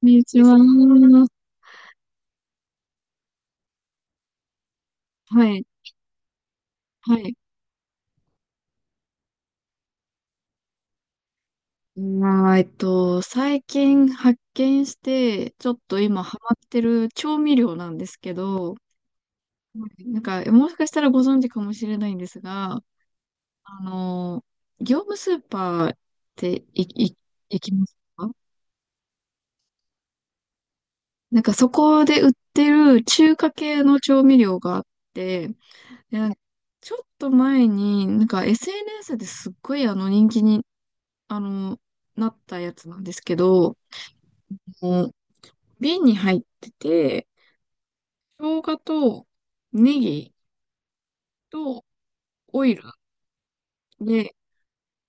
こんにちは。はい。はい。最近発見して、ちょっと今ハマってる調味料なんですけど、もしかしたらご存知かもしれないんですが、あの、業務スーパーってい、行きますか？なんかそこで売ってる中華系の調味料があって、で、ちょっと前に、なんか SNS ですごい人気に、あの、なったやつなんですけど、の瓶に入ってて、生姜とネギとオイルで、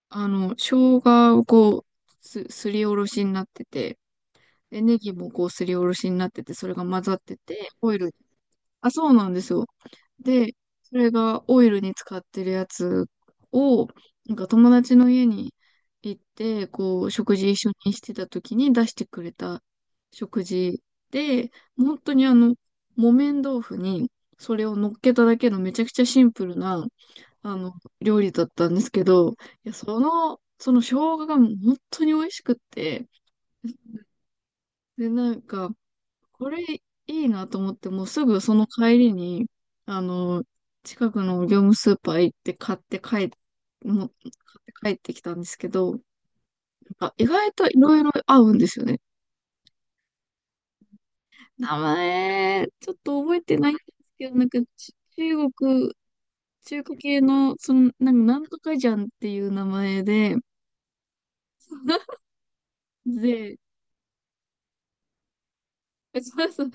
生姜をこう、すりおろしになってて、で、ネギもこうすりおろしになってて、それが混ざってて、オイル。あ、そうなんですよ。で、それがオイルに使ってるやつを、なんか友達の家に行って、こう、食事一緒にしてた時に出してくれた食事で、本当に木綿豆腐にそれを乗っけただけのめちゃくちゃシンプルな、あの、料理だったんですけど、いや、その生姜がもう本当に美味しくって、で、なんか、これいいなと思って、もうすぐその帰りに、あの、近くの業務スーパー行って買って帰っ、もう買って帰ってきたんですけど、なんか意外といろいろ合うんですよね。名前、ちょっと覚えてないんですけど、なんか中国、中華系の、その、なんか、なんとかじゃんっていう名前で、で、そうそう。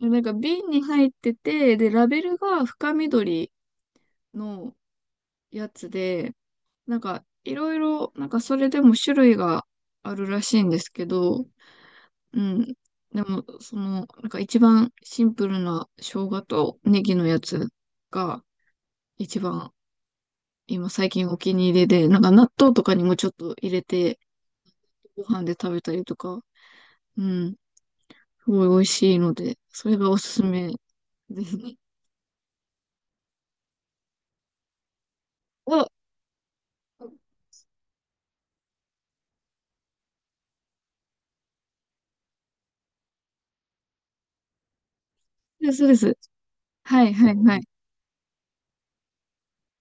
なんか瓶に入ってて、で、ラベルが深緑のやつで、なんか、いろいろ、なんかそれでも種類があるらしいんですけど、うん。でも、その、なんか一番シンプルな生姜とネギのやつが一番今最近お気に入りで、なんか納豆とかにもちょっと入れてご飯で食べたりとか、うん。すごい美味しいので、それがおすすめですね。お、そうです、そうです。はい、はい、はい。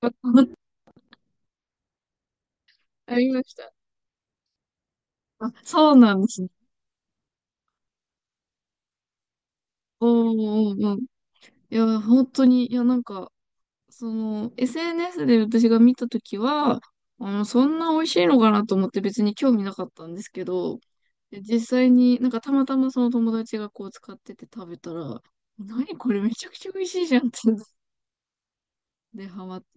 ありました。あ、そうなんですね。おーおーおー、いや、本当に、いや、なんか、その、SNS で私が見たときは、そんな美味しいのかなと思って別に興味なかったんですけど、で実際になんかたまたまその友達がこう使ってて食べたら、何これめちゃくちゃ美味しいじゃんって、で、ハマって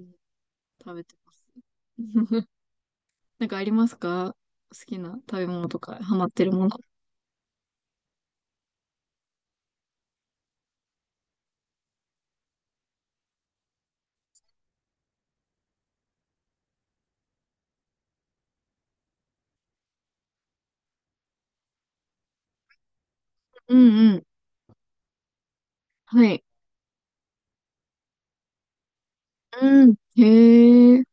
食べてます。なんかありますか？好きな食べ物とか、ハマってるもの。うんうん。はい。うん。へえ。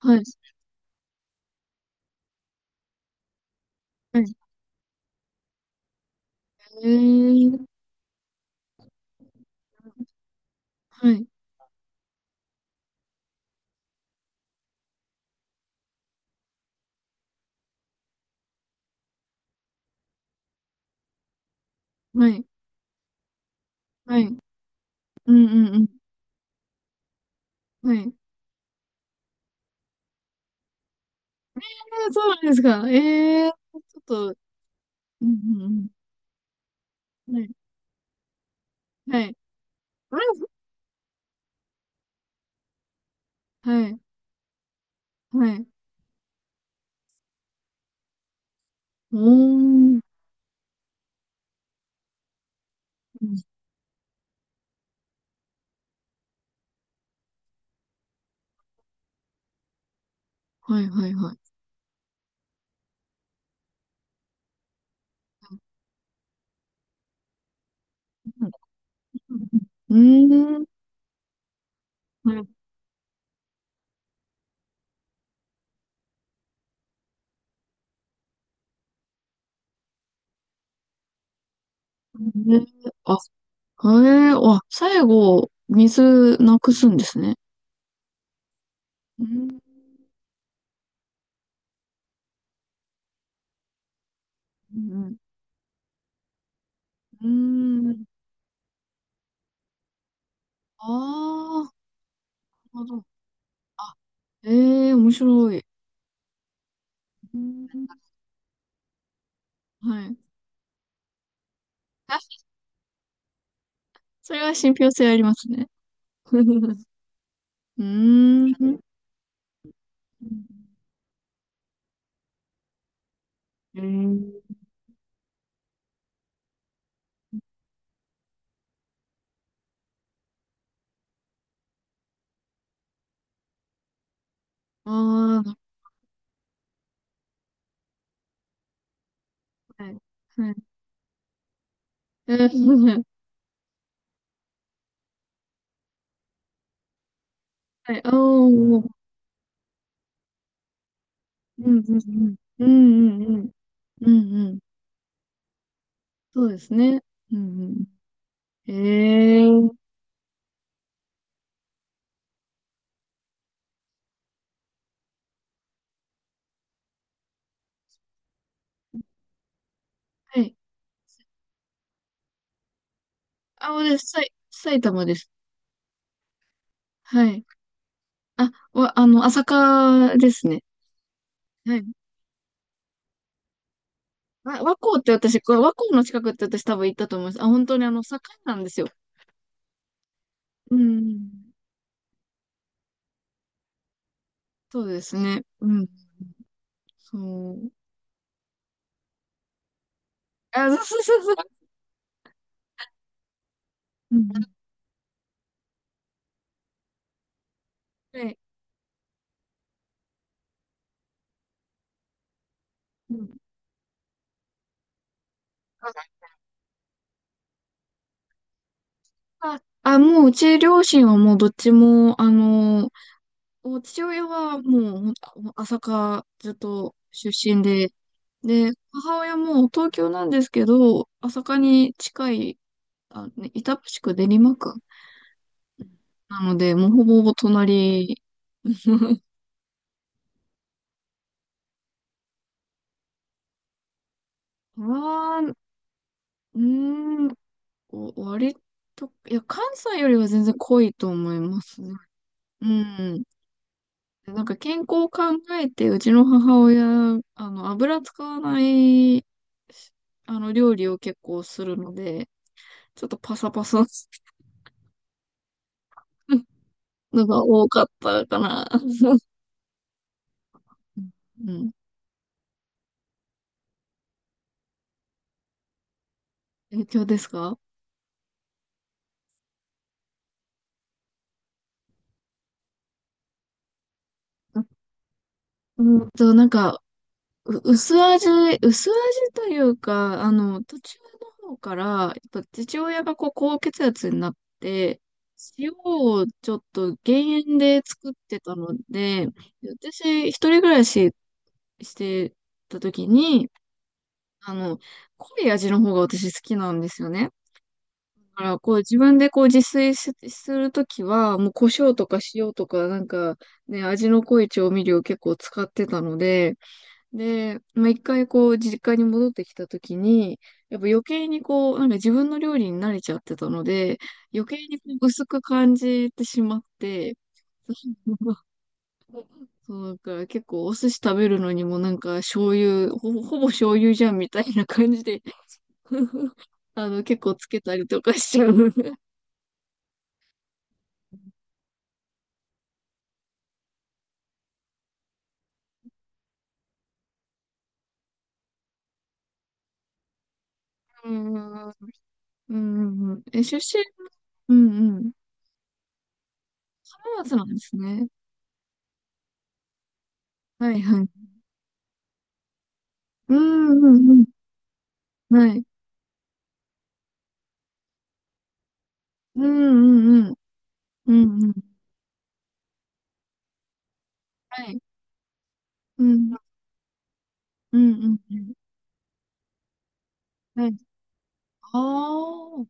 はい。はい。へえ。はい。はい。はい。うんうんうん。はい。えー、そうなんですか。えー、ちょっと、うんうんうん。はい、はい。うん、はい、はい。おー、はい、はい、はい。うん、うーん、はい。ね、あ、えー、あ、最後、水なくすんですね。うん、うん、うん。うーん、ああ、なるほど。あ、えー面白い。うん、はい。あ、それは信憑性ありますね。うーん。うん、ああ、はい。はい。えー、はい。ああ、もう、うんうんうん。うんうんうん。うんうん。そうですね。うんうん。ええ、はい。あ、もうです。埼玉です。はい。あ、あの、朝霞ですね。はい。和光って私、これ和光の近くって私多分行ったと思います。あ、本当にあの、境なんですよ。うん。そうですね。うん。そう。あ、そうそうそうそう。うん。はい。うん。あ、もう、うち両親はもうどっちも、お父親はもうほんと朝霞ずっと出身で、で、母親も東京なんですけど、朝霞に近い、あ、ね、板橋区練馬区なので、もうほぼほぼ隣。は、うーん、割と、いや、関西よりは全然濃いと思いますね。うん。なんか健康を考えて、うちの母親、油使わない、料理を結構するので、ちょっとパサパサするのが多かったかな。うん。影響ですか？ うんと、なんか、薄味、薄味というか、途中の方から、やっぱ父親がこう、高血圧になって、塩をちょっと減塩で作ってたので、私、一人暮らししてた時に、あの、濃い味の方が私好きなんですよね。だから、こう自分でこう自炊しするときは、もう胡椒とか塩とか、なんかね、味の濃い調味料結構使ってたので、で、まあ、一回こう実家に戻ってきたときに、やっぱ余計にこう、なんか自分の料理に慣れちゃってたので、余計にこう薄く感じてしまって、そう、なんか結構お寿司食べるのにもなんか醤油、ほぼ醤油じゃんみたいな感じで あの、結構つけたりとかしちゃう。うん。うんうんうん。え、出身、うんうん。浜松なんですね。はいはい。うんうんうん。はい。うんうんうん。うんうん。はい。うんうんうんうん。はい。ああ。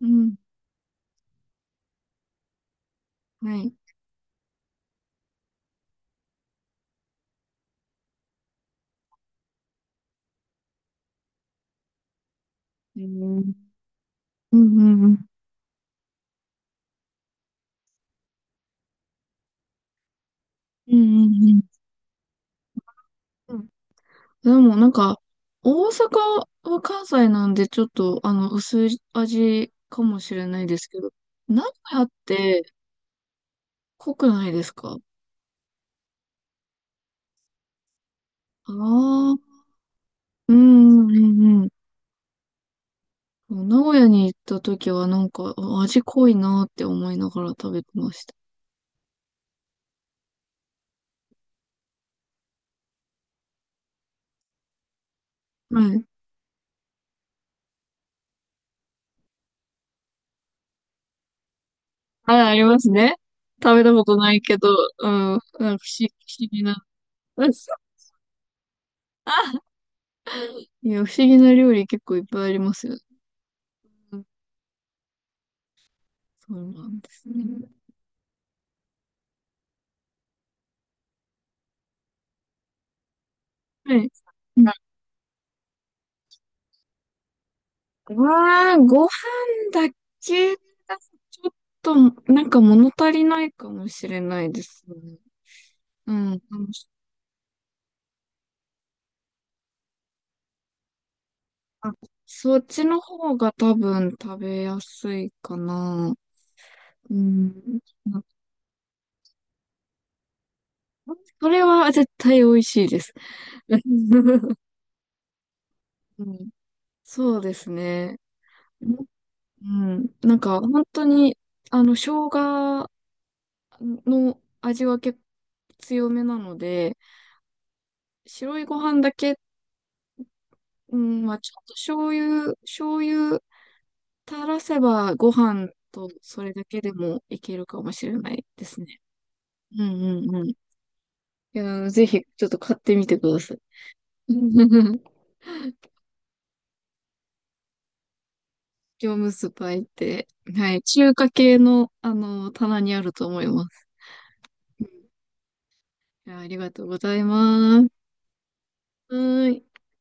うん。はい。うんうんうん。うんうんうん。うんうんうん。でもなんか、大阪は関西なんでちょっと、薄い味かもしれないですけど、名古屋って濃くないですか？ああー、うんうんうんうん。名古屋に行った時はなんか、あ、味濃いなって思いながら食べてました。はい。はい、ありますね。食べたことないけど、うん、なんか不思議な。うん、あ、いや、不思議な料理結構いっぱいありますよね。うん、そうなんですね。はい。わー、ご飯だけだとちょっと、なんか物足りないかもしれないですね。うん。あ、そっちの方が多分食べやすいかな。うん。それは絶対美味しいです。うん。そうですね。うん。なんか本当に、生姜の味は結構強めなので、白いご飯だけ、うん、まあちょっと醤油垂らせばご飯とそれだけでもいけるかもしれないですね。うんうんうん。いや、ぜひちょっと買ってみてください。業務スーパー行って、はい、中華系の、あの、棚にあると思います。いや、ありがとうございます。はーい。